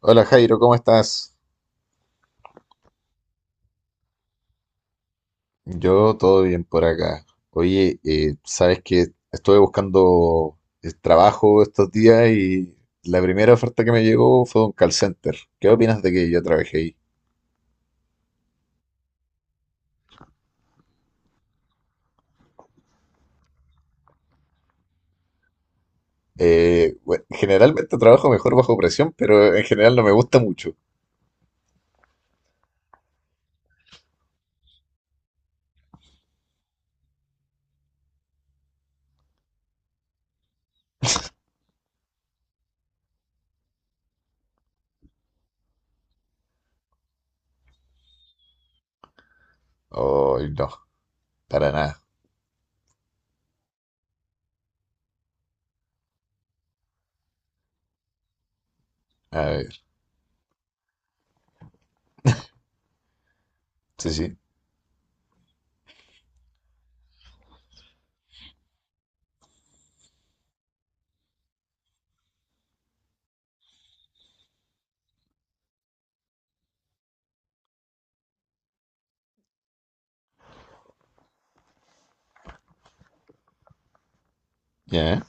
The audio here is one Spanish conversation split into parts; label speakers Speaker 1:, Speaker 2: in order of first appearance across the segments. Speaker 1: Hola Jairo, ¿cómo estás? Yo todo bien por acá. Oye, sabes que estuve buscando trabajo estos días y la primera oferta que me llegó fue de un call center. ¿Qué opinas de que yo trabajé ahí? Bueno, generalmente trabajo mejor bajo presión, pero en general no me gusta mucho. Ay, no, para nada. A ver, sí, sí. Ya, ¿eh?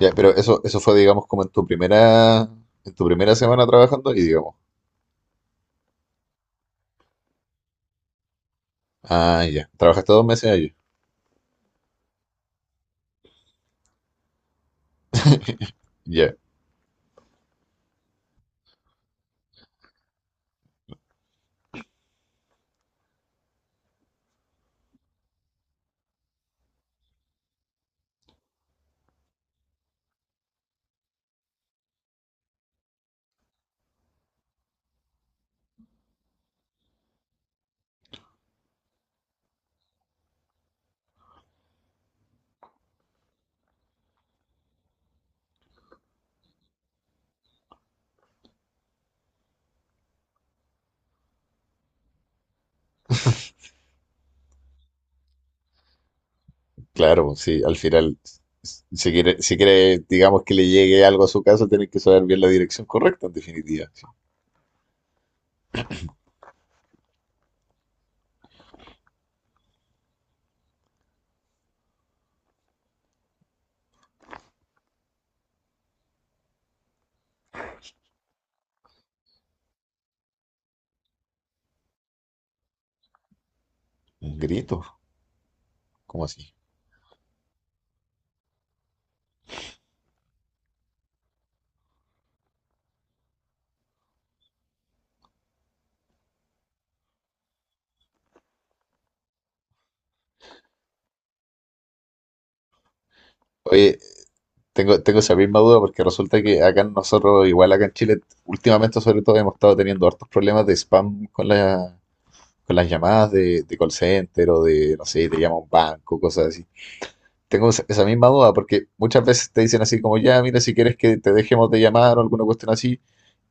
Speaker 1: Ya, pero eso fue, digamos, como en tu primera semana trabajando y digamos. Ah, ya. Trabajaste dos meses allí. Ya. Claro, pues, sí, al final, si quiere, si quiere, digamos, que le llegue algo a su casa, tiene que saber bien la dirección correcta, en definitiva. Sí. Un grito, ¿cómo así? Oye, tengo esa misma duda porque resulta que acá nosotros, igual acá en Chile, últimamente sobre todo hemos estado teniendo hartos problemas de spam con la, con las llamadas de call center o de, no sé, te llama un banco, cosas así. Tengo esa misma duda porque muchas veces te dicen así como, ya, mira, si quieres que te dejemos de llamar o alguna cuestión así,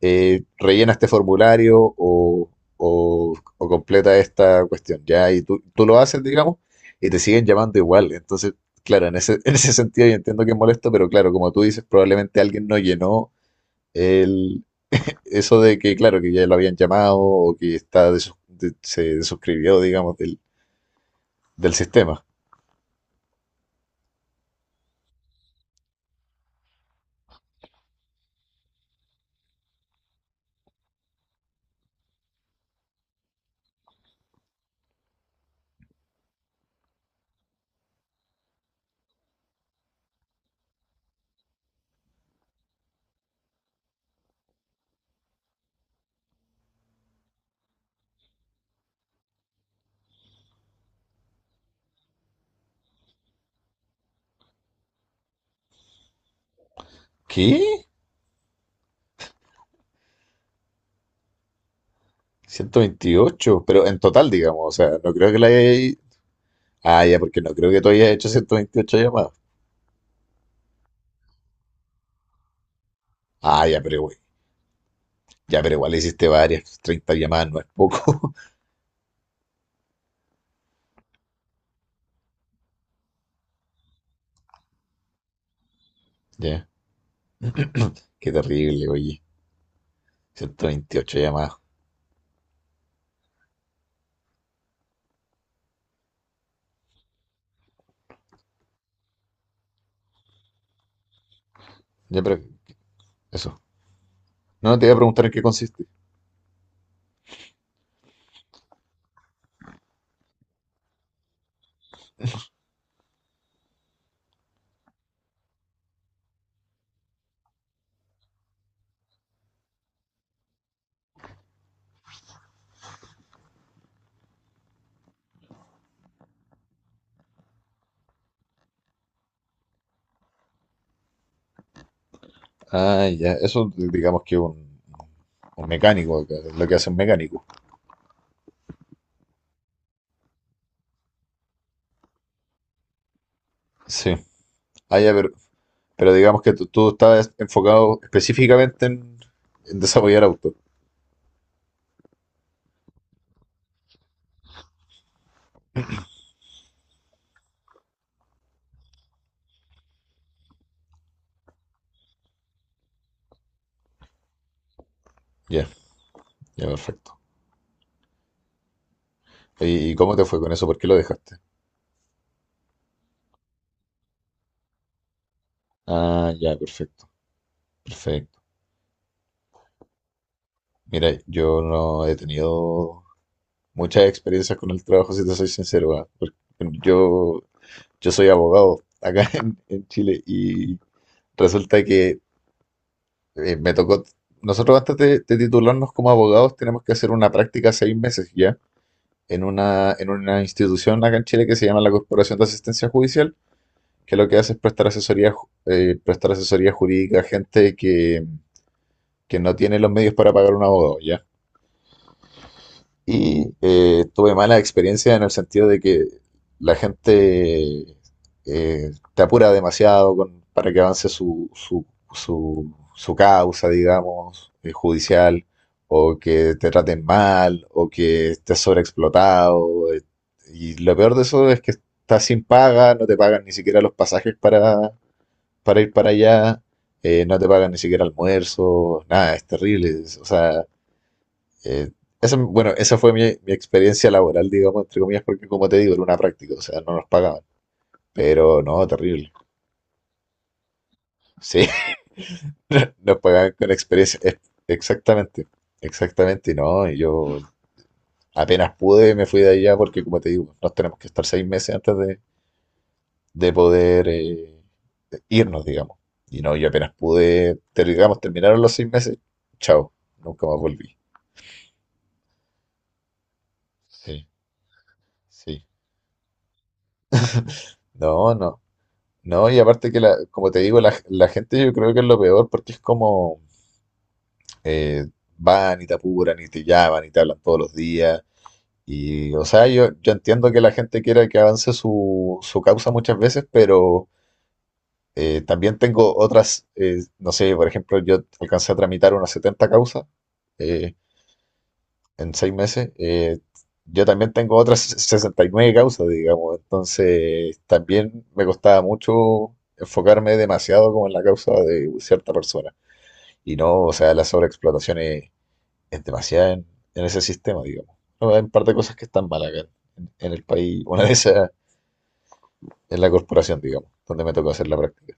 Speaker 1: rellena este formulario o, o completa esta cuestión, ya, y tú lo haces, digamos, y te siguen llamando igual. Entonces, claro, en ese, en ese sentido yo entiendo que es molesto, pero claro, como tú dices, probablemente alguien no llenó el, eso de que, claro, que ya lo habían llamado o que está se desuscribió, digamos, del, del sistema. ¿Qué? 128, pero en total, digamos, o sea, no creo que la hayas... Ah, ya, porque no creo que tú hayas hecho 128 llamadas. Ah, ya, pero güey, ya, pero igual hiciste varias, 30 llamadas, no es poco. Ya, qué terrible, oye, 128 llamadas. Ya, pero eso. No, te iba a preguntar en qué consiste. Ah, ya, eso digamos que un mecánico, lo que hace un mecánico. Sí. Ah, ya, pero digamos que tú estás enfocado específicamente en desarrollar autos. Ya, ya, perfecto. Oye, ¿y cómo te fue con eso? ¿Por qué lo dejaste? Ah, ya, perfecto, perfecto. Mira, yo no he tenido muchas experiencias con el trabajo, si te soy sincero, ah, porque yo, yo soy abogado acá en Chile y resulta que me tocó, nosotros antes de titularnos como abogados tenemos que hacer una práctica 6 meses ya en una institución acá en Chile que se llama la Corporación de Asistencia Judicial, que lo que hace es prestar asesoría, prestar asesoría jurídica a gente que no tiene los medios para pagar un abogado, ¿ya? Y tuve mala experiencia en el sentido de que la gente te apura demasiado para que avance su, su, su causa, digamos, judicial, o que te traten mal, o que estés sobreexplotado. Y lo peor de eso es que estás sin paga, no te pagan ni siquiera los pasajes para ir para allá, no te pagan ni siquiera almuerzo, nada, es terrible. O sea, eh, esa, bueno, esa fue mi, mi experiencia laboral, digamos, entre comillas, porque como te digo, era una práctica, o sea, no nos pagaban. Pero no, terrible. Sí, nos pagaban con experiencia. Exactamente, exactamente, no. Y yo apenas pude, me fui de allá porque, como te digo, nos tenemos que estar 6 meses antes de poder irnos, digamos. Y no, yo apenas pude, digamos, terminaron los 6 meses, chao, nunca más volví. Sí, sí. No, no. No, y aparte que, la, como te digo, la gente yo creo que es lo peor porque es como eh, van y te apuran y te llaman y te hablan todos los días. Y, o sea, yo entiendo que la gente quiera que avance su, su causa muchas veces, pero también tengo otras, no sé, por ejemplo, yo alcancé a tramitar unas 70 causas eh, en 6 meses. Yo también tengo otras 69 causas, digamos, entonces también me costaba mucho enfocarme demasiado como en la causa de cierta persona. Y no, o sea, la sobreexplotación es demasiada en ese sistema, digamos. No, hay un par de cosas que están mal acá en el país. Una de esas es la corporación, digamos, donde me tocó hacer la práctica.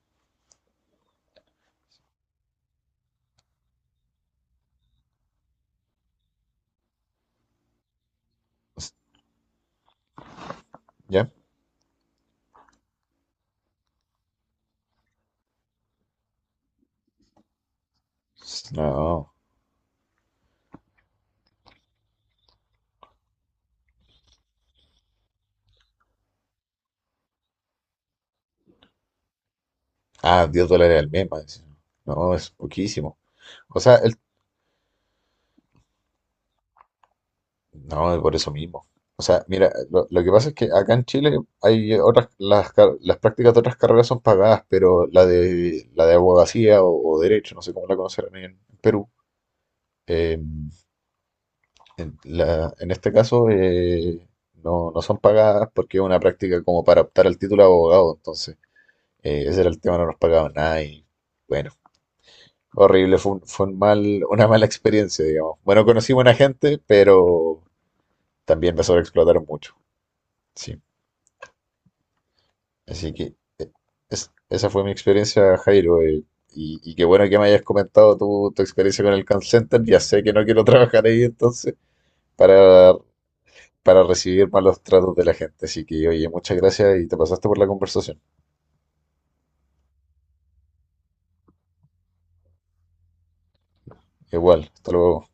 Speaker 1: ¿Ya? No. Ah, $10 al mes, más encima. No, es poquísimo. O sea, el, no, por eso mismo. O sea, mira, lo que pasa es que acá en Chile hay otras, las, las prácticas de otras carreras son pagadas, pero la de abogacía o derecho, no sé cómo la conocerán en Perú, eh, en, en este caso no, no son pagadas porque es una práctica como para optar al título de abogado, entonces ese era el tema, no nos pagaban nada y bueno, horrible, fue, fue un mal, una mala experiencia, digamos. Bueno, conocí buena gente, pero también me sobreexplotaron mucho. Sí. Así que esa fue mi experiencia, Jairo. Y, y qué bueno que me hayas comentado tu, tu experiencia con el call center. Ya sé que no quiero trabajar ahí entonces para, para recibir malos tratos de la gente. Así que, oye, muchas gracias y te pasaste por la conversación. Igual, hasta luego.